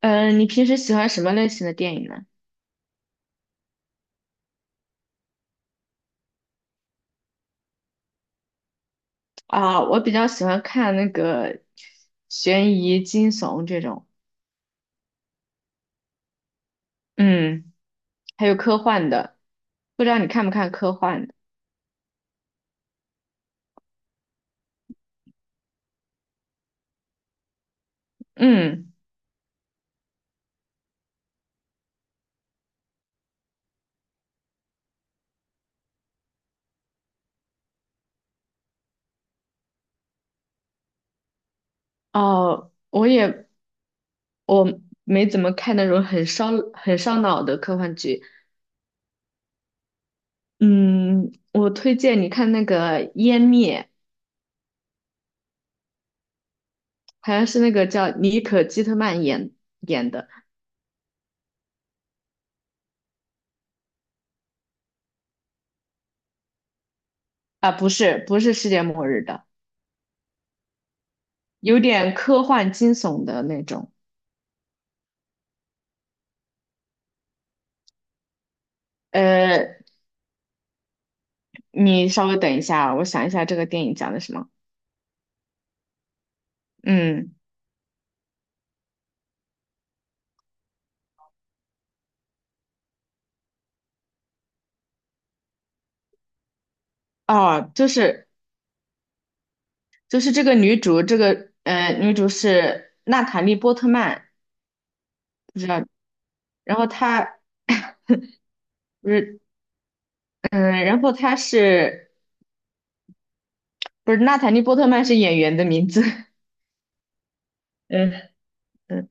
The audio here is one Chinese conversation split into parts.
嗯，你平时喜欢什么类型的电影呢？啊，我比较喜欢看那个悬疑、惊悚这种。嗯，还有科幻的。不知道你看不看科幻的？嗯。哦，我没怎么看那种很烧脑的科幻剧。嗯，我推荐你看那个《湮灭》。好像是那个叫妮可基特曼演的。啊，不是，不是世界末日的，有点科幻惊悚的那种。呃，你稍微等一下，我想一下这个电影讲的什么。嗯。哦，就是这个女主，这个女主是娜塔莉波特曼，不知道。然后不是，她是不是娜塔莉波特曼是演员的名字？嗯嗯。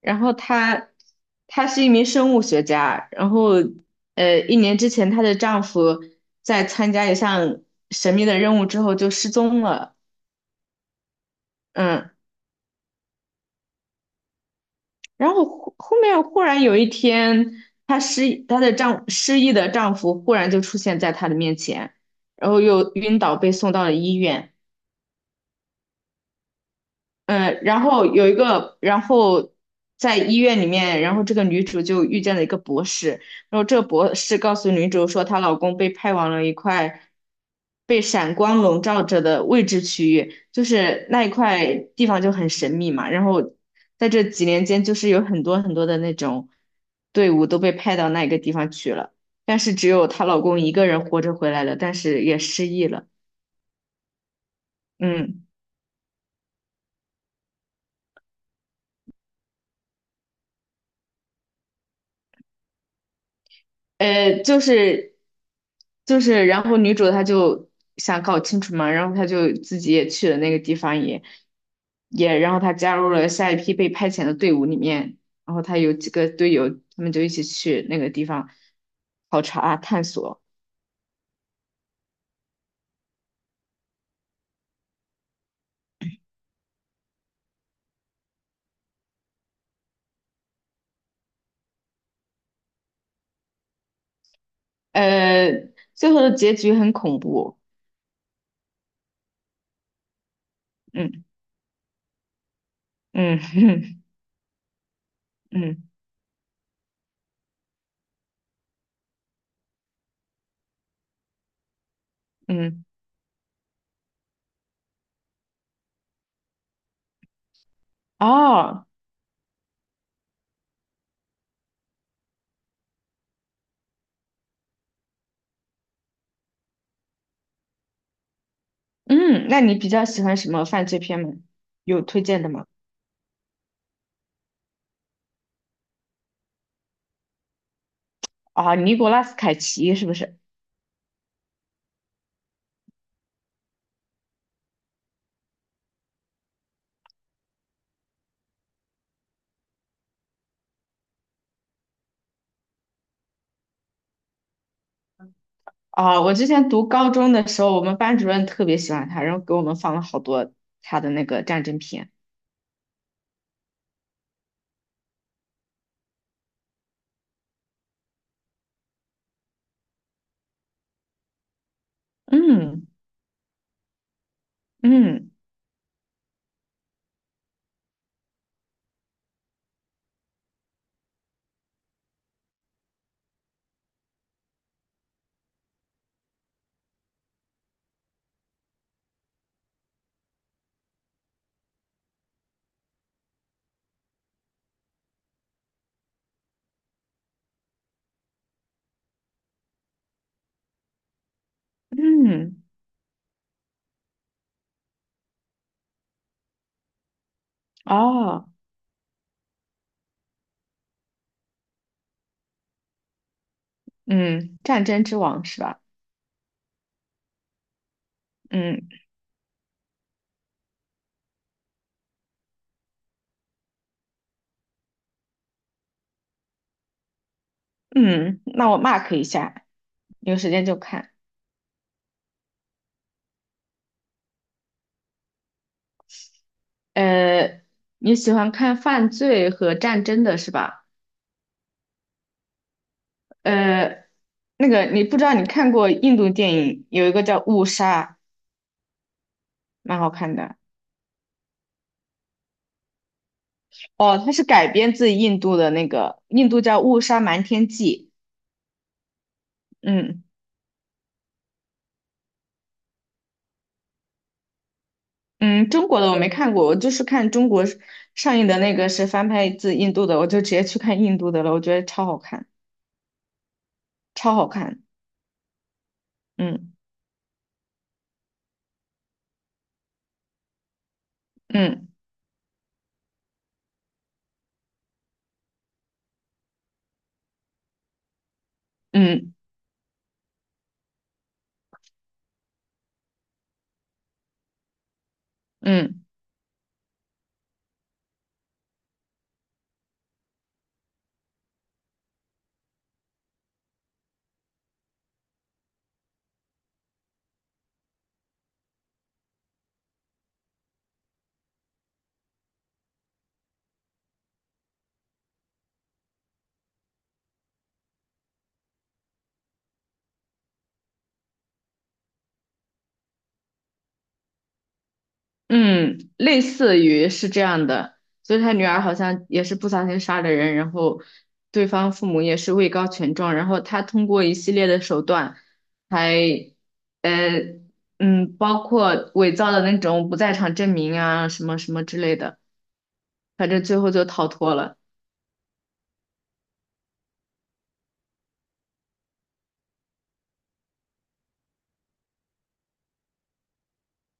然后她是一名生物学家，然后一年之前她的丈夫在参加一项神秘的任务之后就失踪了。嗯，然后后面忽然有一天，她的失忆的丈夫忽然就出现在她的面前，然后又晕倒被送到了医院。嗯，呃然后有一个，然后在医院里面，这个女主就遇见了一个博士。然后这个博士告诉女主说，她老公被派往了一块被闪光笼罩着的未知区域，就是那一块地方就很神秘嘛。然后在这几年间，就是有很多很多的那种队伍都被派到那个地方去了，但是只有她老公一个人活着回来了，但是也失忆了。嗯。呃，就是然后女主她就想搞清楚嘛。然后她就自己也去了那个地方，然后她加入了下一批被派遣的队伍里面，然后她有几个队友，他们就一起去那个地方考察啊探索。呃，最后的结局很恐怖。嗯嗯 嗯嗯，哦。嗯，那你比较喜欢什么犯罪片吗？有推荐的吗？啊，尼古拉斯凯奇是不是？啊，我之前读高中的时候，我们班主任特别喜欢他，然后给我们放了好多他的那个战争片。嗯嗯嗯，哦。嗯，战争之王是吧？嗯嗯，那我 mark 一下，有时间就看。呃，你喜欢看犯罪和战争的是吧？呃，那个你不知道你看过印度电影，有一个叫《误杀》，蛮好看的。哦，它是改编自印度的那个，印度叫《误杀瞒天记》。嗯嗯，中国的我没看过，我就是看中国上映的那个是翻拍自印度的，我就直接去看印度的了，我觉得超好看，超好看。嗯嗯嗯嗯嗯，类似于是这样的，就是他女儿好像也是不小心杀了人，然后对方父母也是位高权重，然后他通过一系列的手段还呃包括伪造的那种不在场证明啊什么什么之类的，反正最后就逃脱了。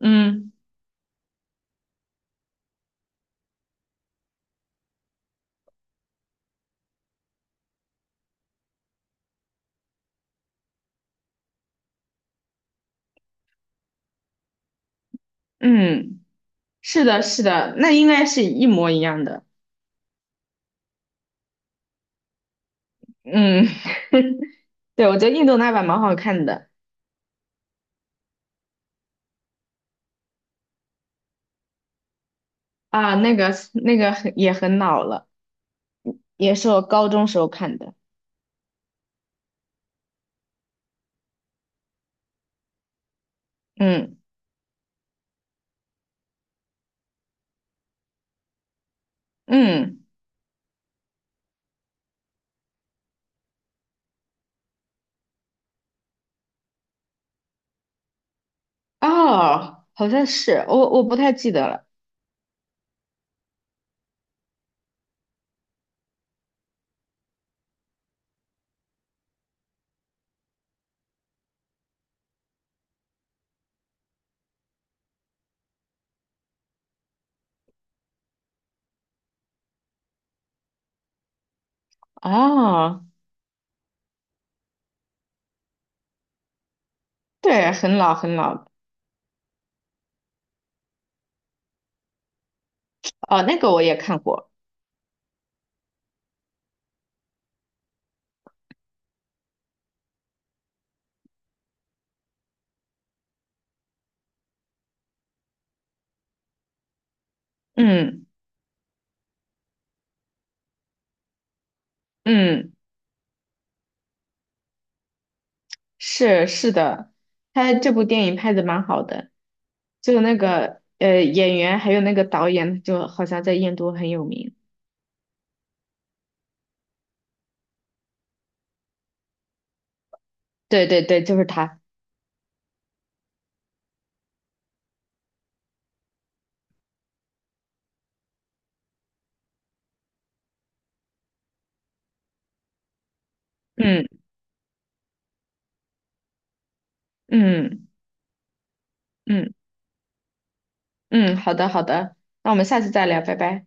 嗯嗯，是的，是的，那应该是一模一样的。嗯，对，我觉得印度那版蛮好看的。啊，那个很也很老了，也是我高中时候看的。嗯嗯，哦，好像是，我不太记得了。哦，对，很老很老了。哦，那个我也看过。嗯嗯。是的，他这部电影拍的蛮好的，就那个演员还有那个导演，就好像在印度很有名。对对对，就是他。嗯嗯嗯嗯，好的好的，那我们下次再聊，拜拜。